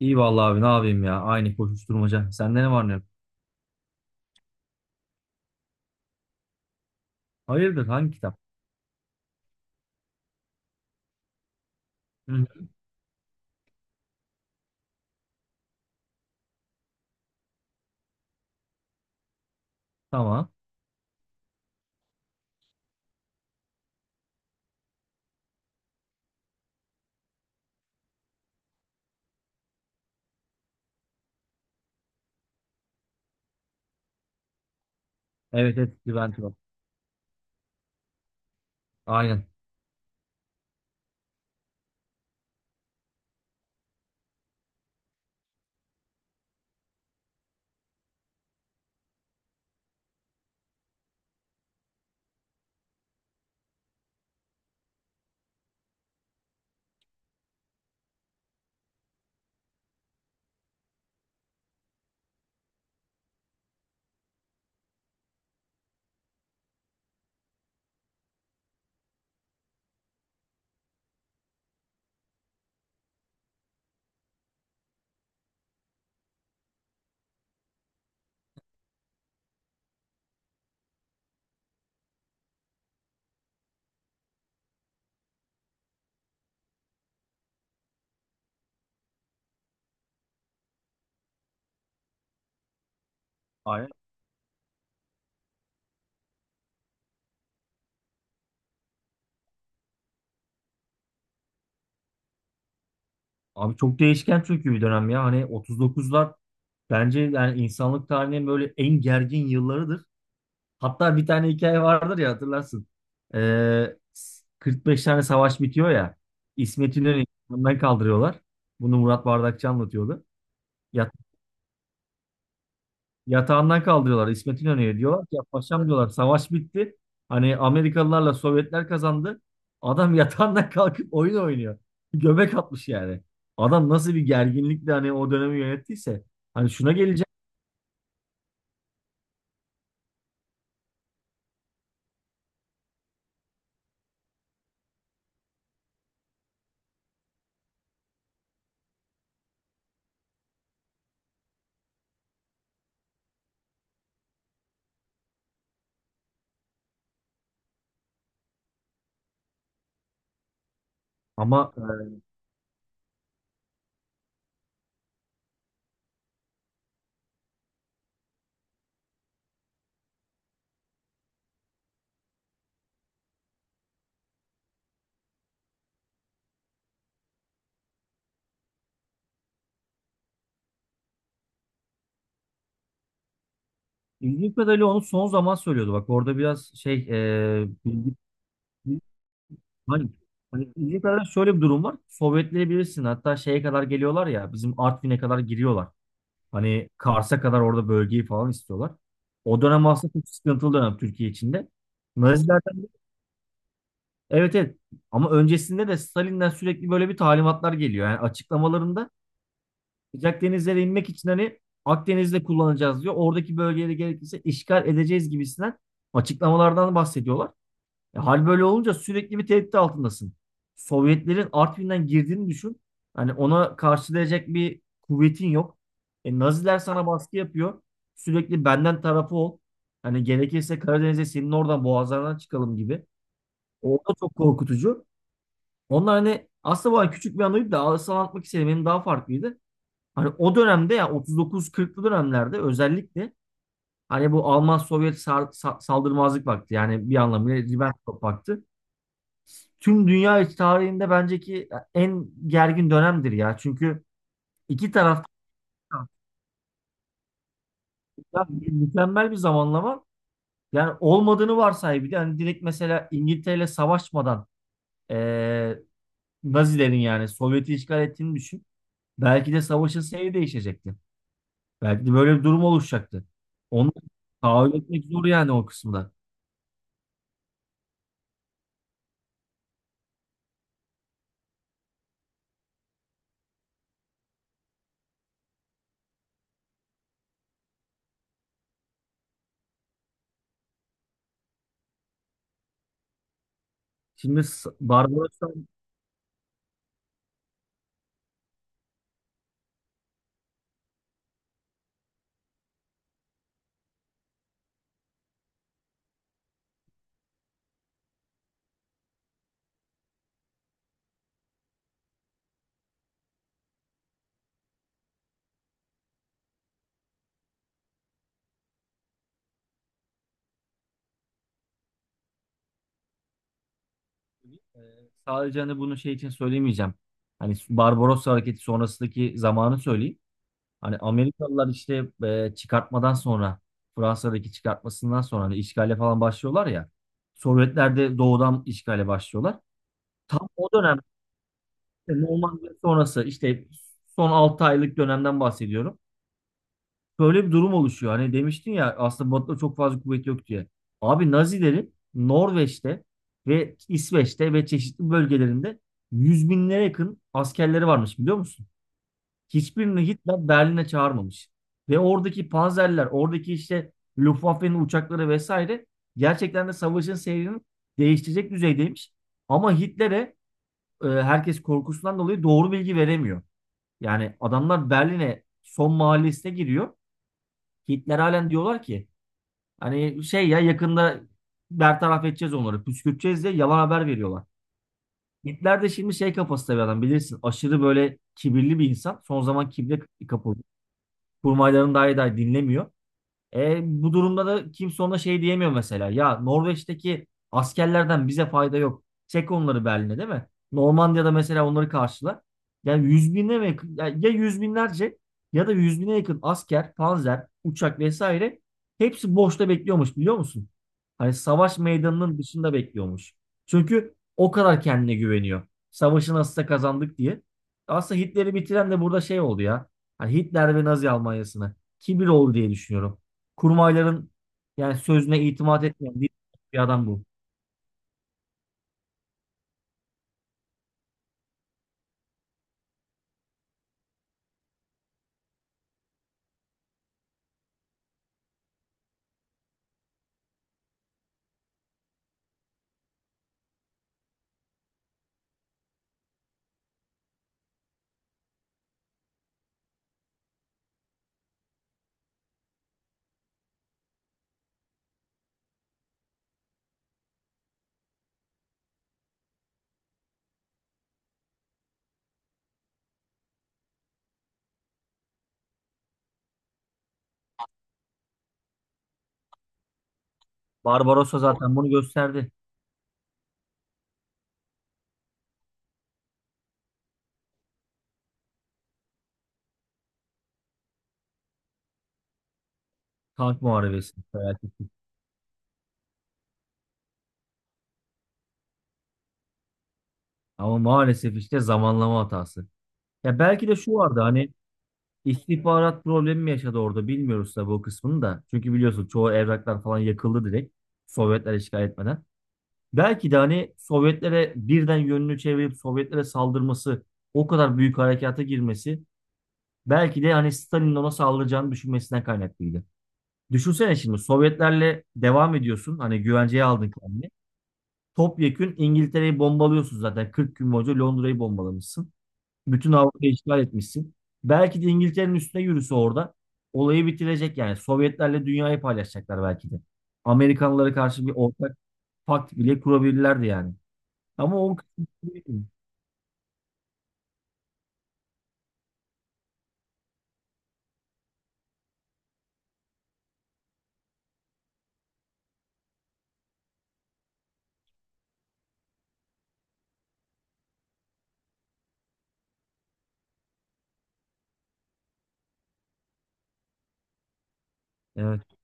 İyi vallahi abi ne yapayım ya. Aynı koşuşturmaca. Sende ne var ne yok? Hayırdır hangi kitap? Hı. Hı. Tamam. Evet, evet, Levent var. Aynen. Aynen. Abi çok değişken çünkü bir dönem ya. Hani 39'lar bence yani insanlık tarihinin böyle en gergin yıllarıdır. Hatta bir tane hikaye vardır ya hatırlarsın. Ee, 45 tane savaş bitiyor ya. İsmet İnönü'yü yanından kaldırıyorlar. Bunu Murat Bardakçı anlatıyordu. Ya, yatağından kaldırıyorlar. İsmet İnönü'ye diyorlar ki ya paşam, diyorlar, savaş bitti. Hani Amerikalılarla Sovyetler kazandı. Adam yatağından kalkıp oyun oynuyor. Göbek atmış yani. Adam nasıl bir gerginlikle hani o dönemi yönettiyse. Hani şuna geleceğim ama ilginç kadarıyla onu son zaman söylüyordu. Bak orada biraz şey, bilgi, hani, hani ilginç kadarıyla şöyle bir durum var. Sovyetleyebilirsin. Hatta şeye kadar geliyorlar ya, bizim Artvin'e kadar giriyorlar. Hani Kars'a kadar orada bölgeyi falan istiyorlar. O dönem aslında çok sıkıntılı dönem Türkiye içinde. Nazilerden, evet, evet, ama öncesinde de Stalin'den sürekli böyle bir talimatlar geliyor. Yani açıklamalarında sıcak denizlere inmek için hani Akdeniz'de kullanacağız diyor. Oradaki bölgeleri gerekirse işgal edeceğiz gibisinden açıklamalardan bahsediyorlar. Hal böyle olunca sürekli bir tehdit altındasın. Sovyetlerin Artvin'den girdiğini düşün. Hani ona karşılayacak bir kuvvetin yok. Naziler sana baskı yapıyor. Sürekli benden tarafı ol. Hani gerekirse Karadeniz'e senin oradan boğazlarından çıkalım gibi. O da çok korkutucu. Onlar hani aslında bu hani küçük bir anıydı da asıl anlatmak istediğim benim daha farklıydı. Hani o dönemde ya 39-40'lı dönemlerde özellikle hani bu Alman-Sovyet saldırmazlık paktı, yani bir anlamıyla Ribbentrop paktı, tüm dünya tarihinde bence ki en gergin dönemdir ya. Çünkü iki taraf, ya mükemmel bir zamanlama. Yani olmadığını varsay bir de, hani direkt mesela İngiltere savaşmadan eee Nazilerin yani Sovyet'i işgal ettiğini düşün. Belki de savaşın seyri değişecekti. Belki de böyle bir durum oluşacaktı. Onu tahayyül etmek zor yani o kısımda. Şimdi Barbaros'tan, sadece hani bunu şey için söylemeyeceğim. Hani Barbaros hareketi sonrasındaki zamanı söyleyeyim. Hani Amerikalılar işte çıkartmadan sonra, Fransa'daki çıkartmasından sonra hani işgale falan başlıyorlar ya. Sovyetler de doğudan işgale başlıyorlar. Tam o dönem işte, Normandiya sonrası işte, son 6 aylık dönemden bahsediyorum. Böyle bir durum oluşuyor. Hani demiştin ya aslında Batı'da çok fazla kuvvet yok diye. Abi Nazilerin Norveç'te ve İsveç'te ve çeşitli bölgelerinde yüz binlere yakın askerleri varmış, biliyor musun? Hiçbirini Hitler Berlin'e çağırmamış. Ve oradaki panzerler, oradaki işte Luftwaffe'nin uçakları vesaire gerçekten de savaşın seyrini değiştirecek düzeydeymiş. Ama Hitler'e herkes korkusundan dolayı doğru bilgi veremiyor. Yani adamlar Berlin'e son mahallesine giriyor. Hitler halen, diyorlar ki hani şey ya yakında bertaraf edeceğiz onları, püskürteceğiz diye yalan haber veriyorlar. Hitler de şimdi şey kafasında bir adam bilirsin. Aşırı böyle kibirli bir insan. Son zaman kibre kapıldı. Kurmaylarını dahi dinlemiyor. Bu durumda da kimse ona şey diyemiyor mesela. Ya Norveç'teki askerlerden bize fayda yok. Çek onları Berlin'e değil mi? Normandiya'da mesela onları karşılar. Yani yüz bine mi yakın? Ya, ya yüz binlerce ya da yüz bine yakın asker, panzer, uçak vesaire hepsi boşta bekliyormuş, biliyor musun? Hani savaş meydanının dışında bekliyormuş. Çünkü o kadar kendine güveniyor. Savaşı nasılsa kazandık diye. Aslında Hitler'i bitiren de burada şey oldu ya. Hani Hitler ve Nazi Almanyası'na kibir oldu diye düşünüyorum. Kurmayların yani sözüne itimat etmeyen bir, bir adam bu. Barbarossa zaten bunu gösterdi. Tank muharebesi felaketi. Ama maalesef işte zamanlama hatası. Ya belki de şu vardı hani, istihbarat problemi mi yaşadı orada bilmiyoruz tabii o kısmını da. Çünkü biliyorsun çoğu evraklar falan yakıldı direkt, Sovyetler işgal etmeden. Belki de hani Sovyetlere birden yönünü çevirip Sovyetlere saldırması, o kadar büyük harekata girmesi belki de hani Stalin'in ona saldıracağını düşünmesinden kaynaklıydı. Düşünsene şimdi Sovyetlerle devam ediyorsun. Hani güvenceye aldın kendini. Topyekün İngiltere'yi bombalıyorsun zaten. 40 gün boyunca Londra'yı bombalamışsın. Bütün Avrupa'yı işgal etmişsin. Belki de İngiltere'nin üstüne yürüse orada olayı bitirecek yani. Sovyetlerle dünyayı paylaşacaklar belki de. Amerikanlara karşı bir ortak pakt bile kurabilirlerdi yani. Ama o kısmı değil. Evet.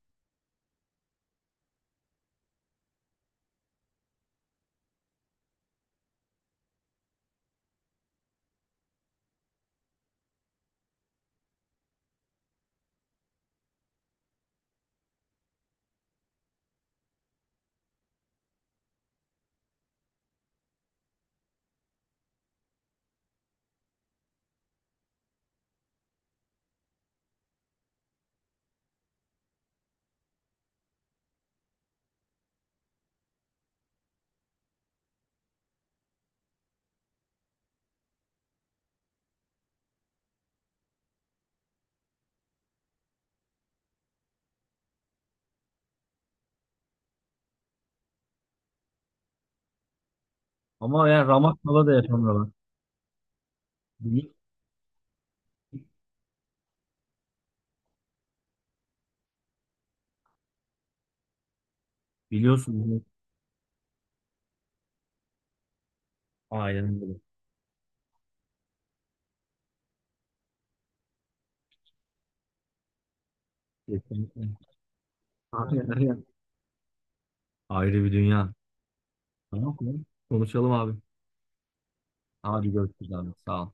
Ama yani Ramakkala da yapamıyorlar. Bili- Biliyorsun bunu. Aynen öyle. Kesinlikle. Aynen öyle. Ayrı bir dünya. Tamam, tamam. Konuşalım abi. Hadi görüşürüz abi. Sağ ol.